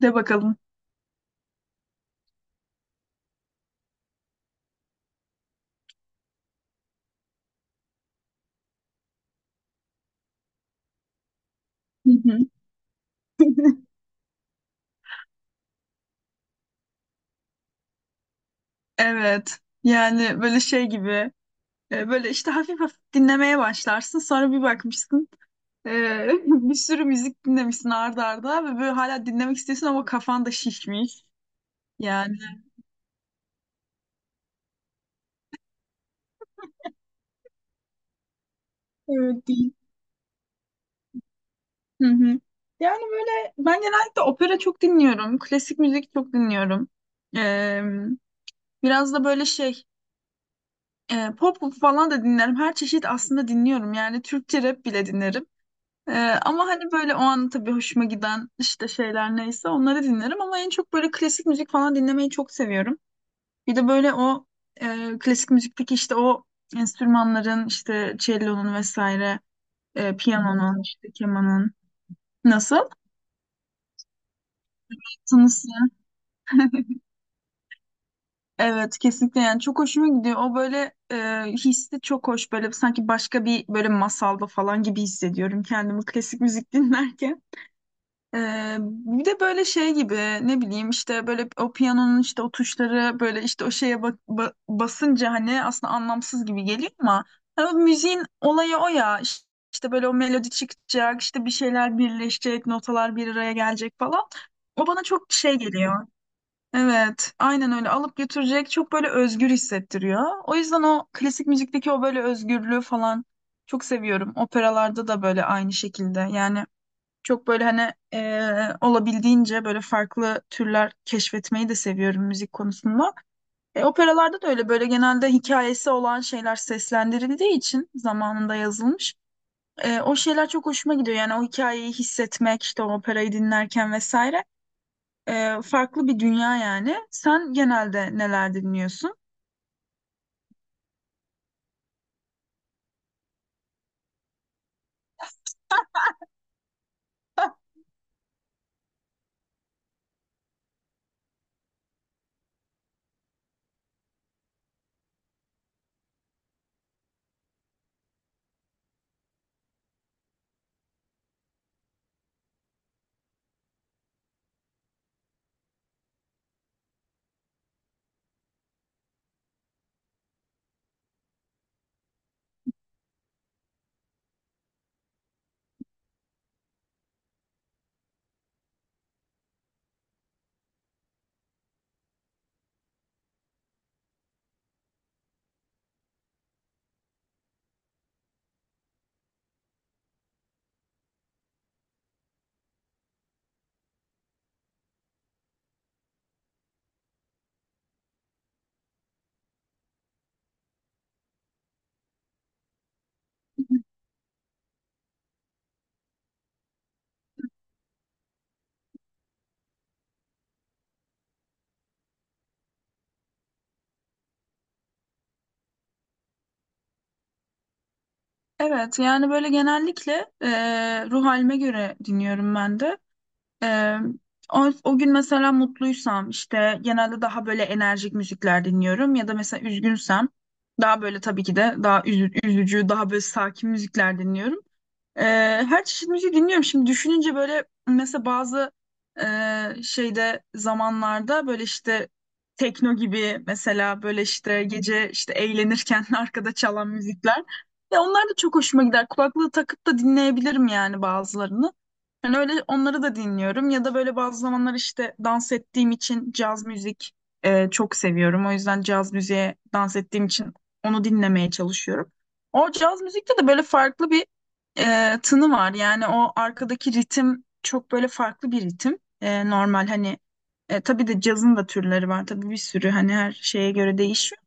De bakalım. Hı hı. Evet. Yani böyle şey gibi böyle işte hafif hafif dinlemeye başlarsın. Sonra bir bakmışsın e, bir sürü müzik dinlemişsin arda arda ve böyle hala dinlemek istiyorsun ama kafan da şişmiş. Yani evet değil. Hı hı. Yani böyle ben genellikle opera çok dinliyorum. Klasik müzik çok dinliyorum. E, biraz da böyle şey pop falan da dinlerim. Her çeşit aslında dinliyorum. Yani Türkçe rap bile dinlerim. Ee, ama hani böyle o an tabii hoşuma giden işte şeyler neyse onları dinlerim ama en çok böyle klasik müzik falan dinlemeyi çok seviyorum. Bir de böyle o klasik müzikteki işte o enstrümanların işte cellonun vesaire, piyanonun, işte kemanın nasıl? Tınısı. Evet kesinlikle yani çok hoşuma gidiyor. O böyle hissi çok hoş böyle sanki başka bir böyle masalda falan gibi hissediyorum kendimi klasik müzik dinlerken. Bir de böyle şey gibi ne bileyim işte böyle o piyanonun işte o tuşları böyle işte o şeye basınca hani aslında anlamsız gibi geliyor ama hani o müziğin olayı o ya işte böyle o melodi çıkacak işte bir şeyler birleşecek notalar bir araya gelecek falan o bana çok şey geliyor. Evet aynen öyle alıp götürecek çok böyle özgür hissettiriyor. O yüzden o klasik müzikteki o böyle özgürlüğü falan çok seviyorum. Operalarda da böyle aynı şekilde yani. Çok böyle hani olabildiğince böyle farklı türler keşfetmeyi de seviyorum müzik konusunda. Operalarda da öyle böyle genelde hikayesi olan şeyler seslendirildiği için zamanında yazılmış. O şeyler çok hoşuma gidiyor. Yani o hikayeyi hissetmek, işte o operayı dinlerken vesaire. Farklı bir dünya yani. Sen genelde neler dinliyorsun? Evet yani böyle genellikle ruh halime göre dinliyorum ben de. Ee, o gün mesela mutluysam işte genelde daha böyle enerjik müzikler dinliyorum ya da mesela üzgünsem daha böyle tabii ki de daha üzücü, daha böyle sakin müzikler dinliyorum. Ee, her çeşit müziği dinliyorum. Şimdi düşününce böyle mesela bazı şeyde zamanlarda böyle işte tekno gibi mesela böyle işte gece işte eğlenirken arkada çalan müzikler. Ya onlar da çok hoşuma gider. Kulaklığı takıp da dinleyebilirim yani bazılarını. Yani öyle onları da dinliyorum ya da böyle bazı zamanlar işte dans ettiğim için caz müzik çok seviyorum. O yüzden caz müziğe dans ettiğim için onu dinlemeye çalışıyorum. O caz müzikte de böyle farklı bir tını var. Yani o arkadaki ritim çok böyle farklı bir ritim. Normal hani tabii de cazın da türleri var. Tabii bir sürü hani her şeye göre değişiyor.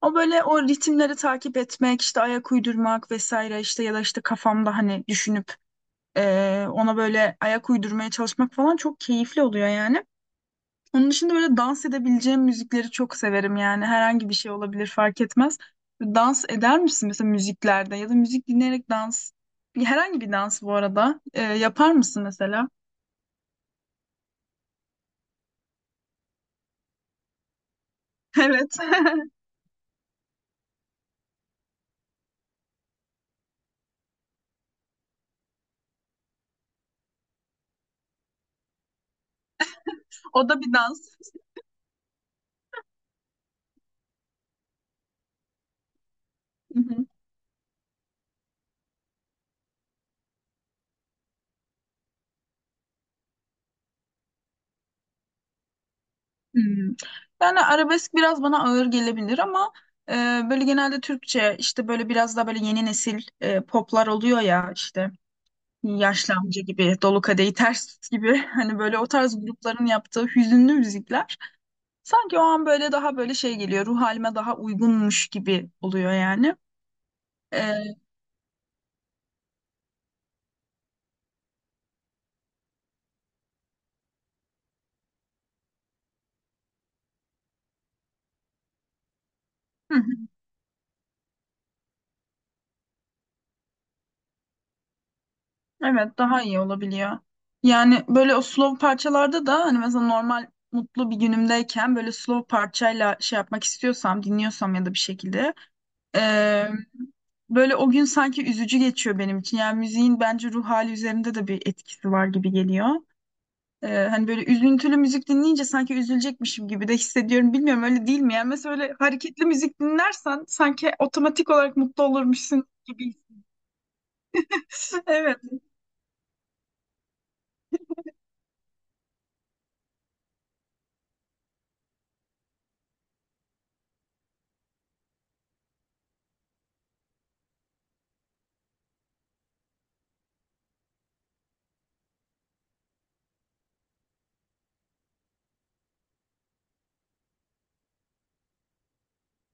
O böyle o ritimleri takip etmek, işte ayak uydurmak vesaire işte ya da işte kafamda hani düşünüp ona böyle ayak uydurmaya çalışmak falan çok keyifli oluyor yani. Onun dışında böyle dans edebileceğim müzikleri çok severim yani. Herhangi bir şey olabilir fark etmez. Dans eder misin mesela müziklerde ya da müzik dinleyerek dans? Herhangi bir dans bu arada. Yapar mısın mesela? Evet. O da bir dans. Hı hı. Hmm. Yani arabesk biraz bana ağır gelebilir ama e, böyle genelde Türkçe işte böyle biraz daha böyle yeni nesil poplar oluyor ya işte. Yaşlı amca gibi, dolu kadehi ters gibi hani böyle o tarz grupların yaptığı hüzünlü müzikler sanki o an böyle daha böyle şey geliyor ruh halime daha uygunmuş gibi oluyor yani. Ee, hı hı, evet daha iyi olabiliyor. Yani böyle o slow parçalarda da hani mesela normal mutlu bir günümdeyken böyle slow parçayla şey yapmak istiyorsam dinliyorsam ya da bir şekilde ee, böyle o gün sanki üzücü geçiyor benim için. Yani müziğin bence ruh hali üzerinde de bir etkisi var gibi geliyor. Hani böyle üzüntülü müzik dinleyince sanki üzülecekmişim gibi de hissediyorum. Bilmiyorum öyle değil mi? Yani mesela öyle hareketli müzik dinlersen sanki otomatik olarak mutlu olurmuşsun gibi. Evet.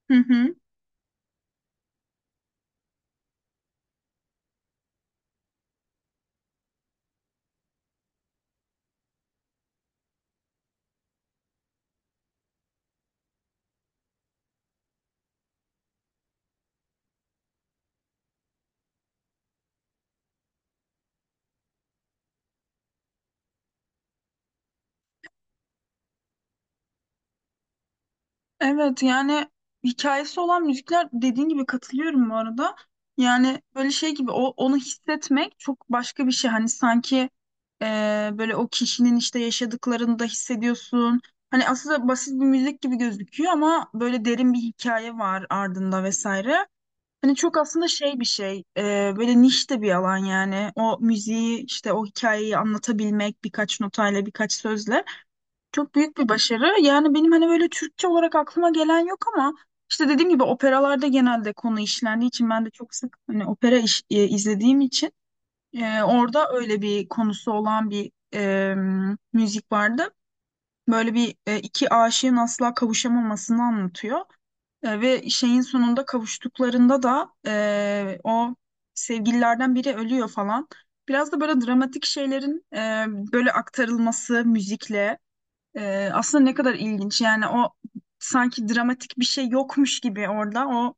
Hı hı. Evet yani hikayesi olan müzikler dediğin gibi katılıyorum bu arada. Yani böyle şey gibi o, onu hissetmek çok başka bir şey. Hani sanki e, böyle o kişinin işte yaşadıklarını da hissediyorsun. Hani aslında basit bir müzik gibi gözüküyor ama böyle derin bir hikaye var ardında vesaire. Hani çok aslında şey bir şey, böyle niş de bir alan yani. O müziği işte o hikayeyi anlatabilmek birkaç notayla birkaç sözle çok büyük bir başarı. Yani benim hani böyle Türkçe olarak aklıma gelen yok ama işte dediğim gibi operalarda genelde konu işlendiği için ben de çok sık hani opera izlediğim için orada öyle bir konusu olan bir müzik vardı. Böyle bir iki aşığın asla kavuşamamasını anlatıyor. Ve şeyin sonunda kavuştuklarında da o sevgililerden biri ölüyor falan. Biraz da böyle dramatik şeylerin böyle aktarılması müzikle. Aslında ne kadar ilginç. Yani o sanki dramatik bir şey yokmuş gibi orada o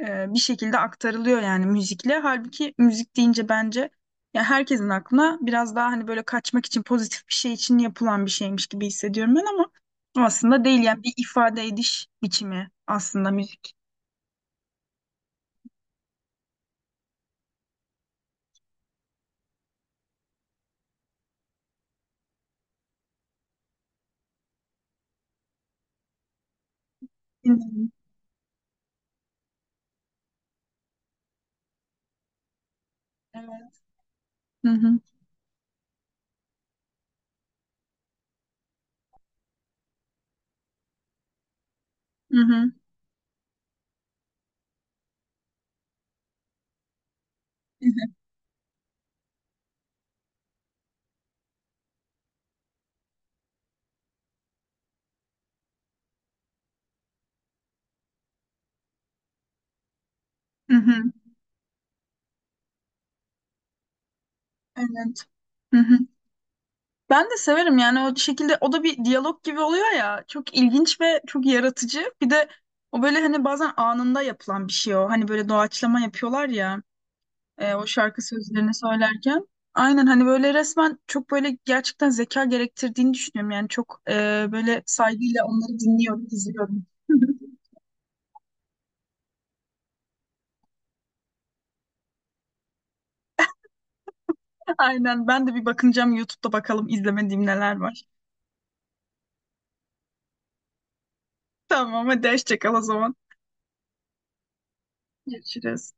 bir şekilde aktarılıyor yani müzikle. Halbuki müzik deyince bence ya herkesin aklına biraz daha hani böyle kaçmak için pozitif bir şey için yapılan bir şeymiş gibi hissediyorum ben ama aslında değil yani bir ifade ediş biçimi aslında müzik. Dinledim. Evet. Hı hı. Hı hı. Hı hı. Evet. Hı hı. Evet. Ben de severim yani o şekilde o da bir diyalog gibi oluyor ya çok ilginç ve çok yaratıcı bir de o böyle hani bazen anında yapılan bir şey o hani böyle doğaçlama yapıyorlar ya o şarkı sözlerini söylerken aynen hani böyle resmen çok böyle gerçekten zeka gerektirdiğini düşünüyorum yani çok böyle saygıyla onları dinliyorum izliyorum. Aynen ben de bir bakınacağım YouTube'da bakalım izlemediğim neler var. Tamam hadi hoşça kal o zaman. Görüşürüz.